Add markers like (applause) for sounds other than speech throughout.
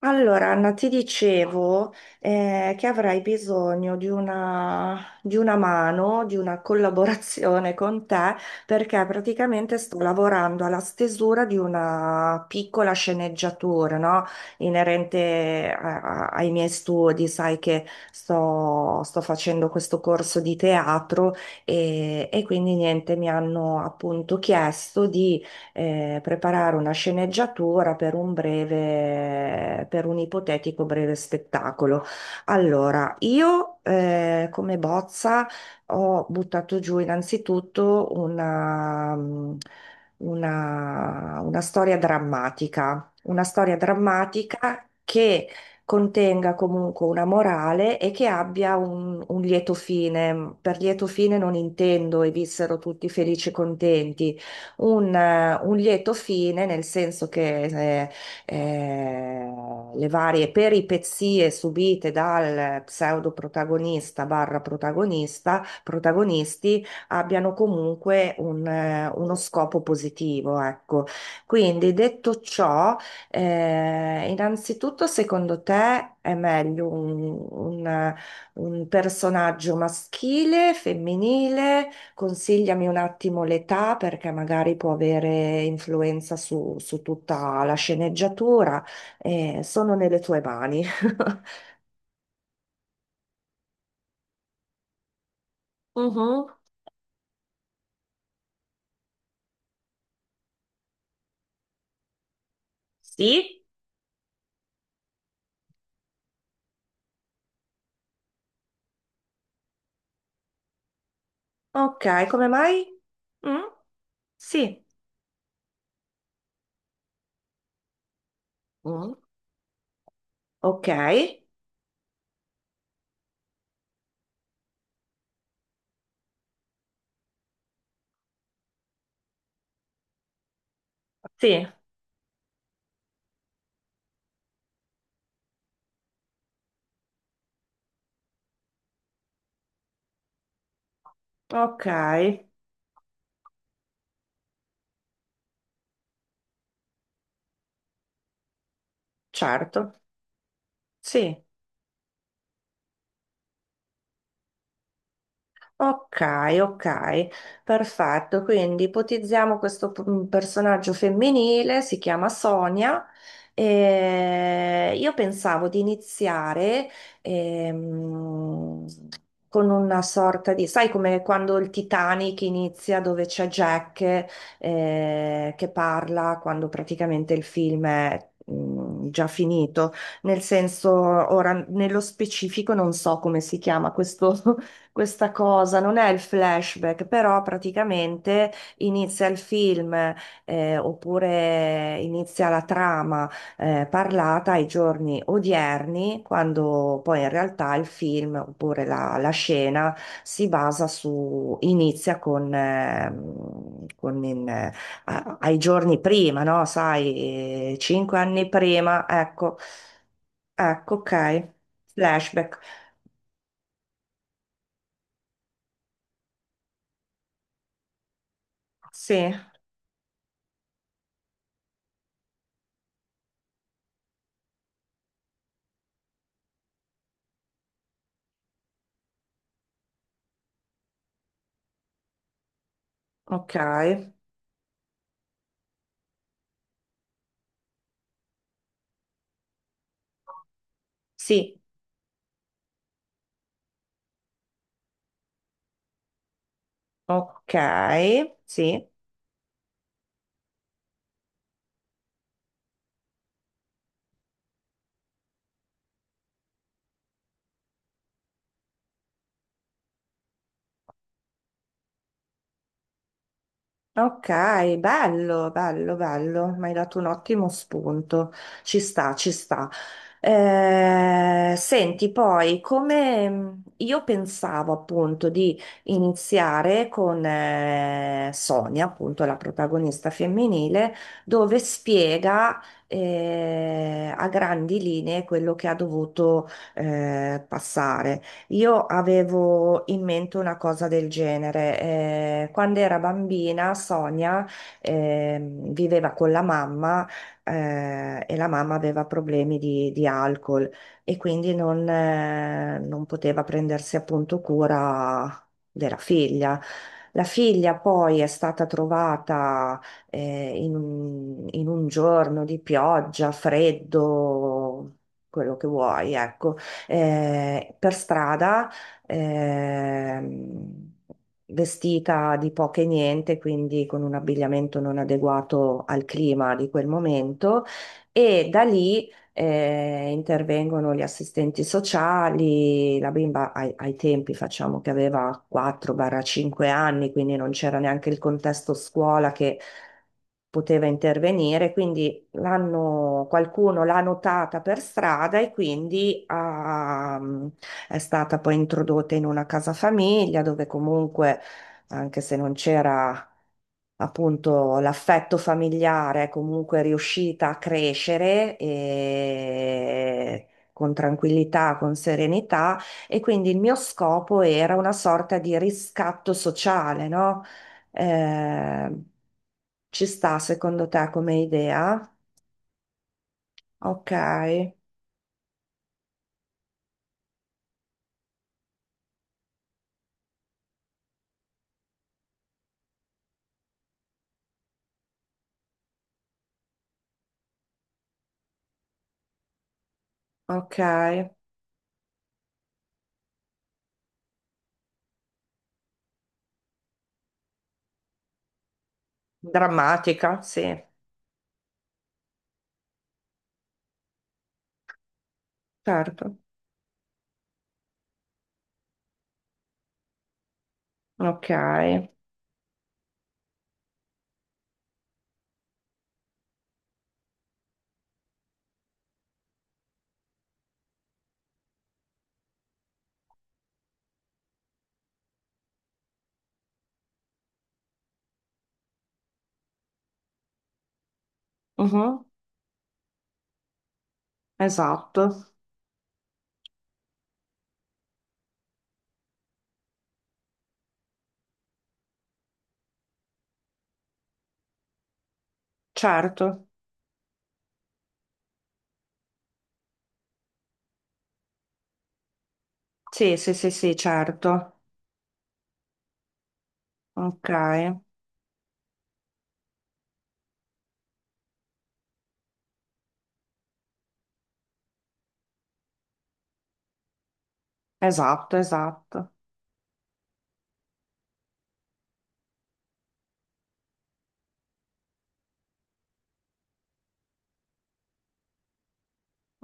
Allora, Anna, ti dicevo che avrai bisogno di una mano, di una collaborazione con te, perché praticamente sto lavorando alla stesura di una piccola sceneggiatura, no? Inerente ai miei studi. Sai che sto facendo questo corso di teatro e quindi niente, mi hanno appunto chiesto preparare una sceneggiatura per un breve, per un ipotetico breve spettacolo. Allora, io come bozza ho buttato giù innanzitutto una storia drammatica, una storia drammatica che contenga comunque una morale e che abbia un lieto fine. Per lieto fine non intendo e vissero tutti felici e contenti, un lieto fine, nel senso che eh, le varie peripezie subite dal pseudo protagonista barra protagonista, protagonisti abbiano comunque uno scopo positivo, ecco. Quindi detto ciò, innanzitutto secondo te è meglio un personaggio maschile, femminile? Consigliami un attimo l'età perché magari può avere influenza su tutta la sceneggiatura. Sono nelle tue mani. (laughs) Mhm. Sì? Ok, come mai? Mm? Sì. Mm? Ok. Sì. Ok. Certo. Sì. Ok, ok, perfetto. Quindi ipotizziamo questo personaggio femminile, si chiama Sonia. E io pensavo di iniziare ehm, con una sorta di, sai come quando il Titanic inizia dove c'è Jack che parla quando praticamente il film è già finito. Nel senso, ora nello specifico non so come si chiama questo (laughs) questa cosa, non è il flashback, però praticamente inizia il film oppure inizia la trama parlata ai giorni odierni, quando poi in realtà il film oppure la scena si basa su, inizia con in, ai giorni prima, no? Sai, cinque anni prima, ecco, ecco, ok, flashback, sì, ok. Sì, ok, sì, ok, bello, bello, bello, mi hai dato un ottimo spunto, ci sta, ci sta. Senti, poi, come io pensavo appunto di iniziare con Sonia, appunto la protagonista femminile, dove spiega a grandi linee quello che ha dovuto passare. Io avevo in mente una cosa del genere. Quando era bambina, Sonia viveva con la mamma e la mamma aveva problemi di alcol e quindi non poteva prendersi appunto cura della figlia. La figlia poi è stata trovata in un giorno di pioggia, freddo, quello che vuoi, ecco per strada, ehm, vestita di poco e niente, quindi con un abbigliamento non adeguato al clima di quel momento, e da lì intervengono gli assistenti sociali, la bimba ai tempi facciamo che aveva 4-5 anni, quindi non c'era neanche il contesto scuola che poteva intervenire, quindi l'hanno, qualcuno l'ha notata per strada e quindi è stata poi introdotta in una casa famiglia dove comunque, anche se non c'era appunto l'affetto familiare, è comunque riuscita a crescere e con tranquillità, con serenità e quindi il mio scopo era una sorta di riscatto sociale, no? Eh, Ci sta secondo te come idea? Ok, ok. Drammatica, sì, certo. Ok. Mhm, esatto, certo. Sì, sì, sì, sì, certo. Ok, esatto, esatto.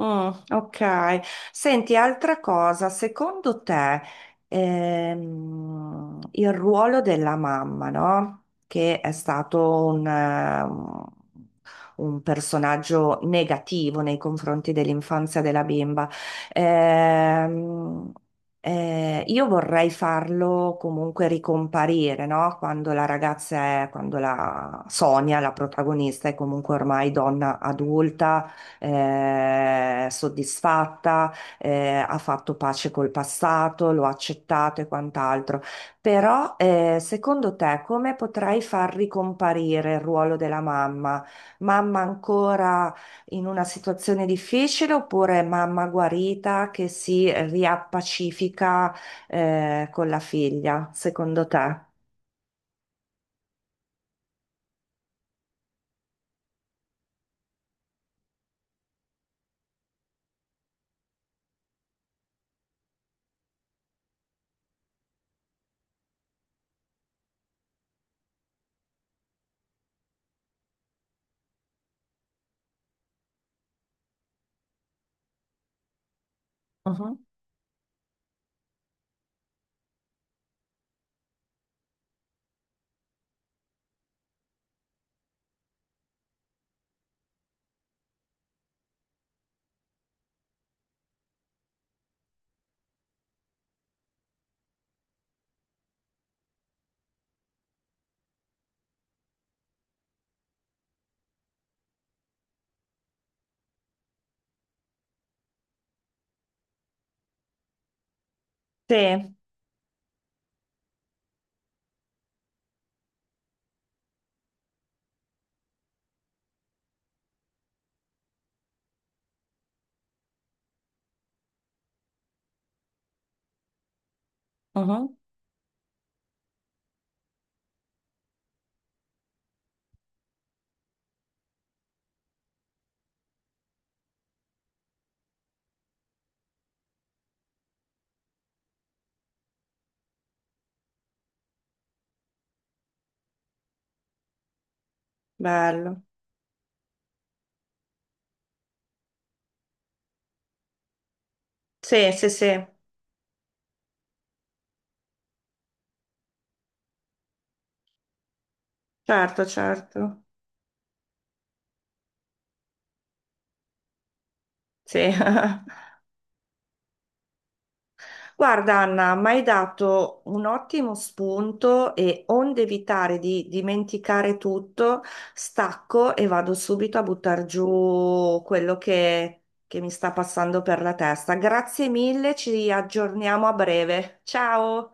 Mm, ok. Senti, altra cosa, secondo te il ruolo della mamma, no? Che è stato un personaggio negativo nei confronti dell'infanzia della bimba, ehm, io vorrei farlo comunque ricomparire, no? Quando la ragazza è, quando la Sonia, la protagonista, è comunque ormai donna adulta soddisfatta, ha fatto pace col passato, lo ha accettato e quant'altro. Però, secondo te, come potrei far ricomparire il ruolo della mamma? Mamma ancora in una situazione difficile oppure mamma guarita che si riappacifica, con la figlia, secondo te? Mhm. Sì, Mhm. Bello. Sì, sì, sì, certo, certo. Sì. (laughs) Guarda, Anna, mi hai dato un ottimo spunto e onde evitare di dimenticare tutto, stacco e vado subito a buttar giù quello che mi sta passando per la testa. Grazie mille, ci aggiorniamo a breve. Ciao!